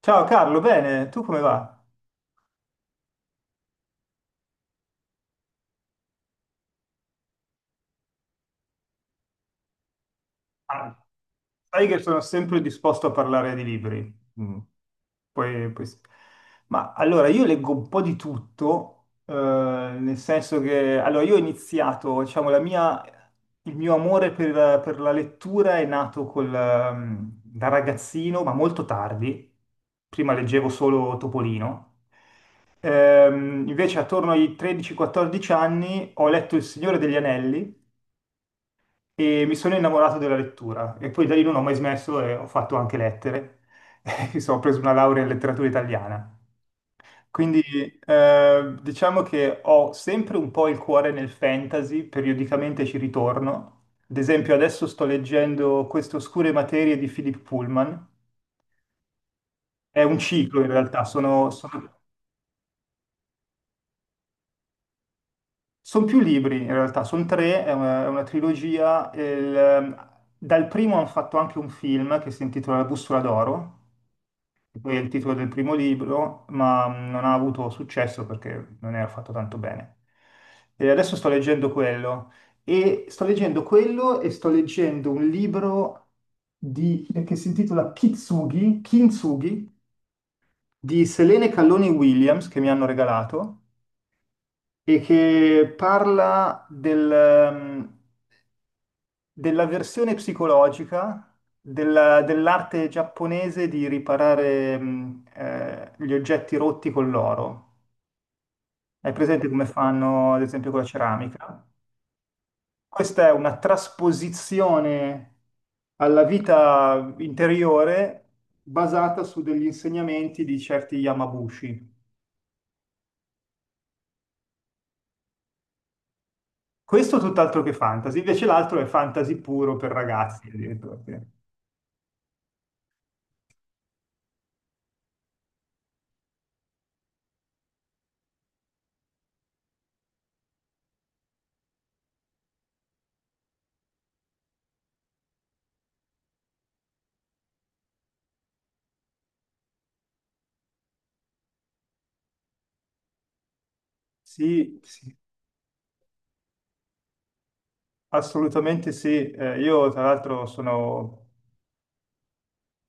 Ciao Carlo, bene, tu come va? Ah, sai che sono sempre disposto a parlare di libri. Mm. Sì. Ma allora, io leggo un po' di tutto, nel senso che allora, io ho iniziato, diciamo, il mio amore per la lettura è nato da ragazzino, ma molto tardi. Prima leggevo solo Topolino. Invece attorno ai 13-14 anni ho letto Il Signore degli Anelli e mi sono innamorato della lettura e poi da lì non ho mai smesso e ho fatto anche lettere. Mi sono preso una laurea in letteratura italiana. Quindi, diciamo che ho sempre un po' il cuore nel fantasy, periodicamente ci ritorno. Ad esempio adesso sto leggendo Queste oscure materie di Philip Pullman. È un ciclo in realtà, son più libri in realtà, sono tre, è una trilogia. Dal primo hanno fatto anche un film che si intitola La bussola d'oro che poi è il titolo del primo libro, ma non ha avuto successo perché non era fatto tanto bene. E adesso sto leggendo quello e sto leggendo un libro che si intitola Kitsugi, Kintsugi di Selene Calloni Williams che mi hanno regalato e che parla mm, della versione psicologica dell'arte giapponese di riparare gli oggetti rotti con l'oro. Hai presente come fanno, ad esempio, con la ceramica? Questa è una trasposizione alla vita interiore basata su degli insegnamenti di certi Yamabushi. Questo tutt'altro che fantasy, invece l'altro è fantasy puro per ragazzi, addirittura. Sì, sì, assolutamente sì. Io tra l'altro sono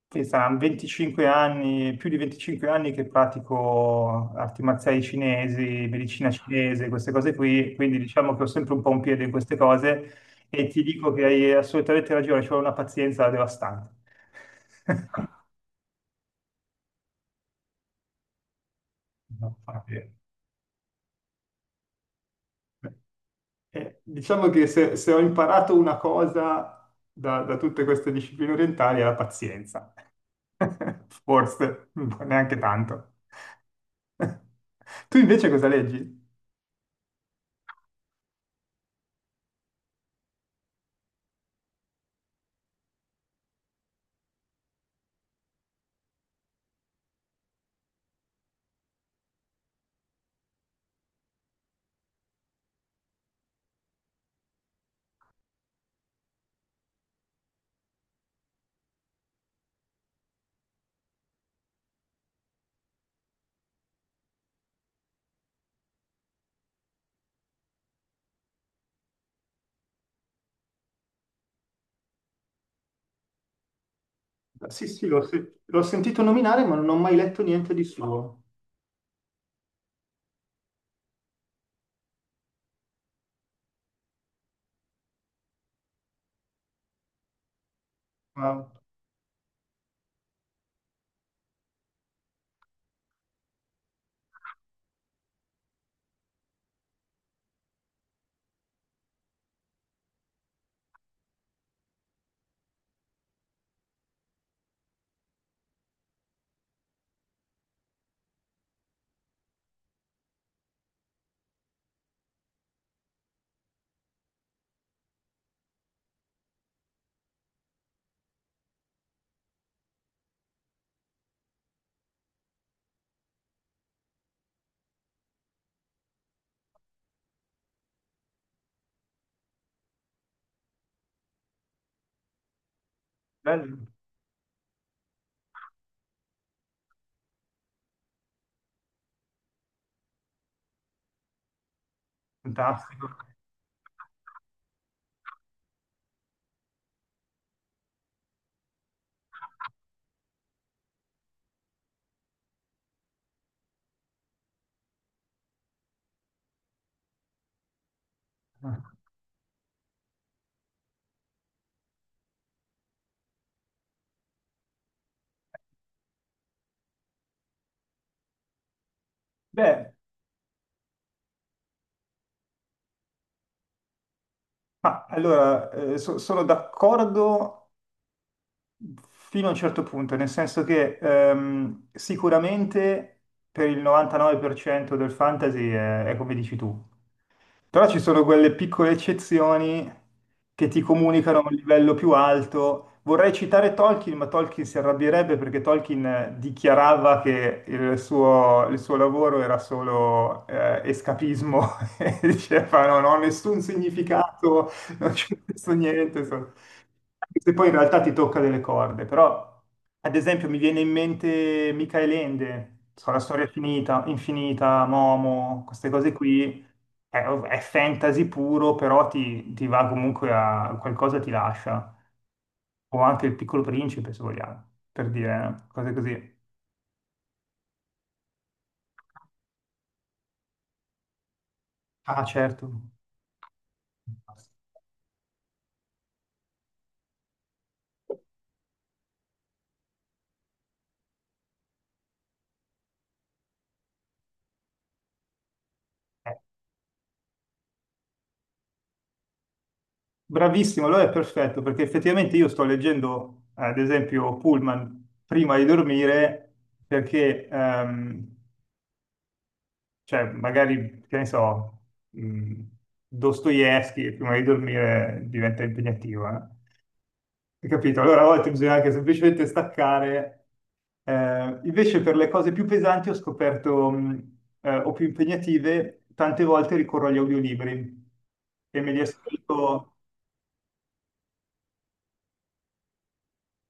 sì, saranno 25 anni, più di 25 anni che pratico arti marziali cinesi, medicina cinese, queste cose qui, quindi diciamo che ho sempre un po' un piede in queste cose e ti dico che hai assolutamente ragione, ci vuole una pazienza devastante. No, infatti. Diciamo che se ho imparato una cosa da tutte queste discipline orientali è la pazienza, forse, neanche tanto. Tu invece cosa leggi? Sì, sì, l'ho sentito nominare, ma non ho mai letto niente di suo. Ma bello, fantastico. Beh, ma allora sono d'accordo fino a un certo punto, nel senso che sicuramente per il 99% del fantasy è come dici tu. Però ci sono quelle piccole eccezioni che ti comunicano a un livello più alto. Vorrei citare Tolkien, ma Tolkien si arrabbierebbe perché Tolkien dichiarava che il suo lavoro era solo escapismo. E diceva: No, non ho nessun significato, non c'è questo niente. Anche se poi in realtà ti tocca delle corde. Però, ad esempio, mi viene in mente Michael Ende, La storia finita, infinita, Momo, queste cose qui è fantasy puro, però ti va comunque a qualcosa ti lascia. O anche il Piccolo Principe, se vogliamo, per dire cose così. Ah, certo. Eh, Bravissimo, allora è perfetto, perché effettivamente io sto leggendo, ad esempio, Pullman prima di dormire, perché, cioè, magari, che ne so, mh, Dostoevsky prima di dormire diventa impegnativo, eh. Hai capito? Allora a volte bisogna anche semplicemente staccare. Invece per le cose più pesanti ho scoperto, o più impegnative, tante volte ricorro agli audiolibri e me li ascolto.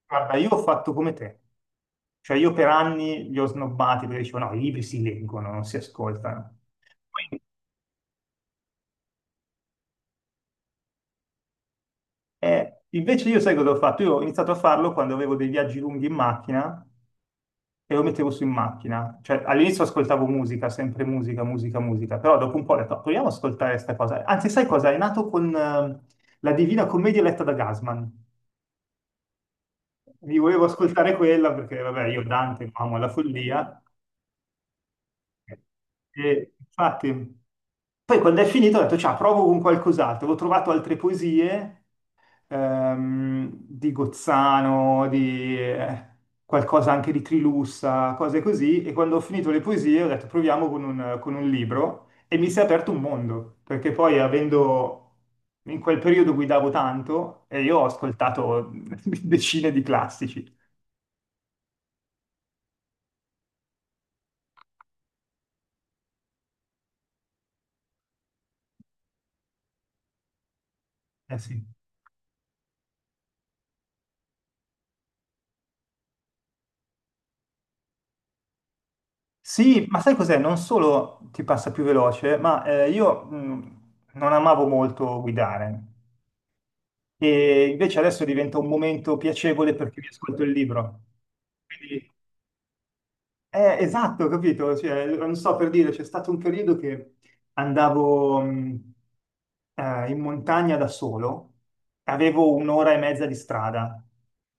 Guarda, io ho fatto come te. Cioè io per anni li ho snobbati perché dicevo no, i libri si leggono, non si ascoltano. Invece io sai cosa ho fatto? Io ho iniziato a farlo quando avevo dei viaggi lunghi in macchina e lo mettevo su in macchina. Cioè, all'inizio ascoltavo musica, sempre musica, musica, musica, però dopo un po' ho detto: "Ah, proviamo ad ascoltare questa cosa." Anzi, sai cosa? È nato con La Divina Commedia letta da Gasman. Mi volevo ascoltare quella perché, vabbè, io Dante lo amo la follia. E infatti, poi quando è finito ho detto, ciao, provo con qualcos'altro. Ho trovato altre poesie, di Gozzano, di qualcosa anche di Trilussa, cose così. E quando ho finito le poesie ho detto proviamo con un libro e mi si è aperto un mondo, perché poi avendo. In quel periodo guidavo tanto e io ho ascoltato decine di classici. Eh sì. Sì, ma sai cos'è? Non solo ti passa più veloce, ma io non amavo molto guidare. E invece adesso diventa un momento piacevole perché mi ascolto il libro. Quindi, esatto, capito? Cioè, allora, non so per dire, c'è stato un periodo che andavo in montagna da solo, avevo un'ora e mezza di strada.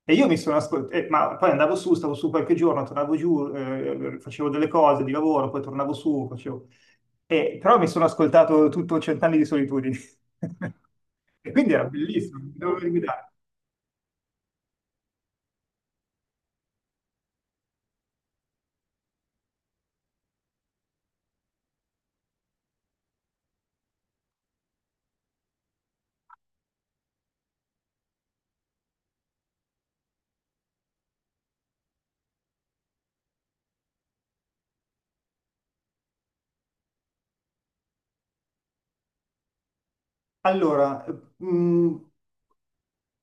E io mi sono ascoltato, ma poi andavo su, stavo su qualche giorno, tornavo giù, facevo delle cose di lavoro, poi tornavo su, facevo. E, però mi sono ascoltato tutto Cent'anni di solitudine. E quindi era bellissimo, mi dovevo guidare. Allora, mh,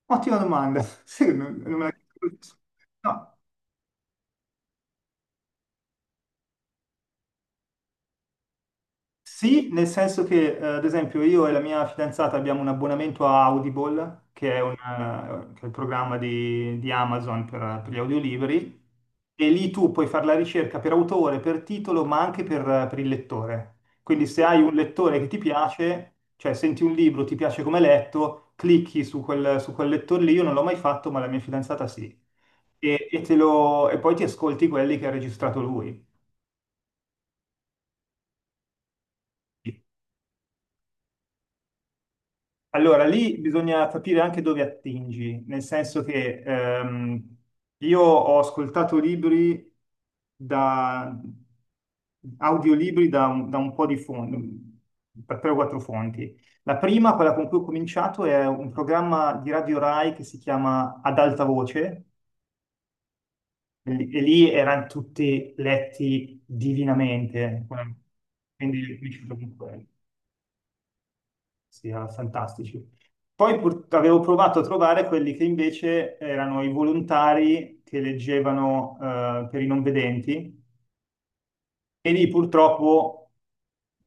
ottima domanda. Sì, non me la. No. Sì, nel senso che, ad esempio, io e la mia fidanzata abbiamo un abbonamento a Audible, che è il programma di Amazon per gli audiolibri, e lì tu puoi fare la ricerca per autore, per titolo, ma anche per il lettore. Quindi se hai un lettore che ti piace, cioè senti un libro, ti piace come è letto, clicchi su quel lettore lì, io non l'ho mai fatto, ma la mia fidanzata sì, e e poi ti ascolti quelli che ha registrato lui. Allora, lì bisogna capire anche dove attingi, nel senso che io ho ascoltato libri da audiolibri da un po' di fonti, da tre o quattro fonti. La prima, quella con cui ho cominciato, è un programma di Radio Rai che si chiama Ad alta voce, e lì erano tutti letti divinamente, quindi mi ci trovo con quelli. Sì, erano fantastici. Avevo provato a trovare quelli che invece erano i volontari che leggevano per i non vedenti e lì purtroppo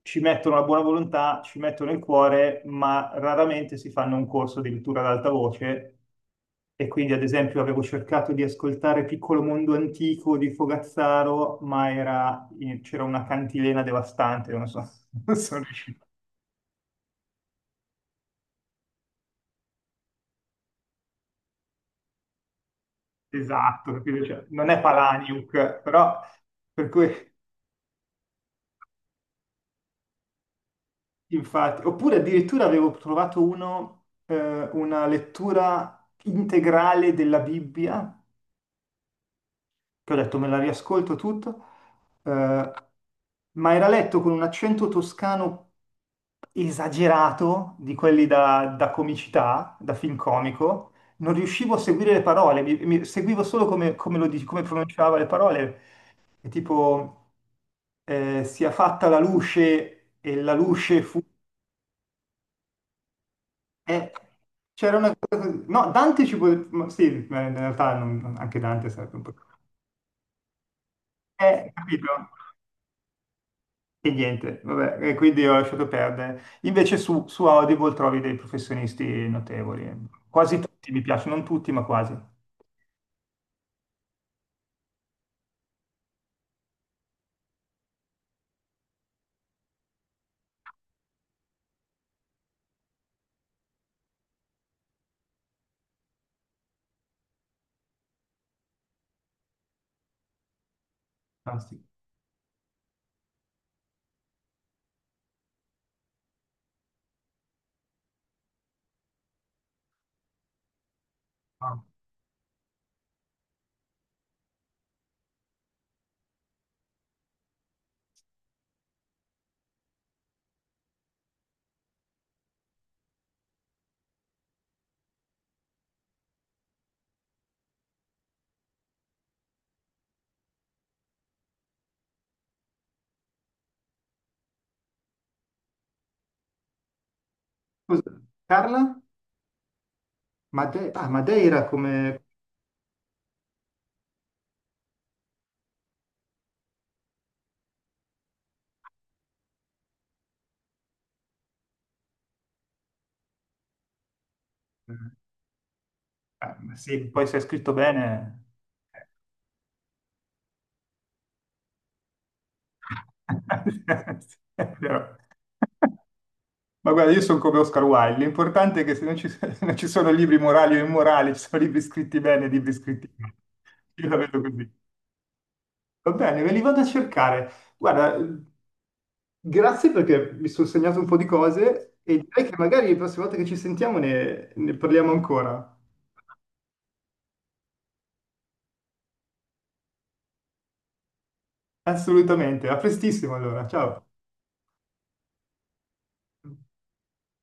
ci mettono la buona volontà, ci mettono il cuore, ma raramente si fanno un corso di lettura ad alta voce. E quindi, ad esempio, avevo cercato di ascoltare Piccolo Mondo Antico di Fogazzaro, ma c'era una cantilena devastante, non so, non so riuscito. Esatto, capito? Cioè, non è Palahniuk, però per cui. Infatti, oppure addirittura avevo trovato uno, una lettura integrale della Bibbia, che ho detto me la riascolto tutto, eh, ma era letto con un accento toscano esagerato, di quelli da comicità, da film comico, non riuscivo a seguire le parole, seguivo solo come come pronunciava le parole, e tipo sia fatta la luce e la luce fu. Eh, C'era una cosa così. No, Dante ci può. Ma sì, in realtà anche Dante sarebbe un po'. Capito? E niente, vabbè, e quindi ho lasciato perdere. Invece su Audible trovi dei professionisti notevoli. Eh. Quasi tutti mi piacciono, non tutti, ma quasi. Fantastico. Ah. Scusa, Carla? Ah, Madeira come. Eh, ma sì, poi se è scritto bene. Eh. È vero. Ma guarda, io sono come Oscar Wilde, l'importante è che se non ci, non ci sono libri morali o immorali, ci sono libri scritti bene e libri scritti male. Io la vedo così. Va bene, me li vado a cercare. Guarda, grazie perché mi sono segnato un po' di cose e direi che magari la prossima volta che ci sentiamo ne parliamo ancora. Assolutamente, a prestissimo allora, ciao.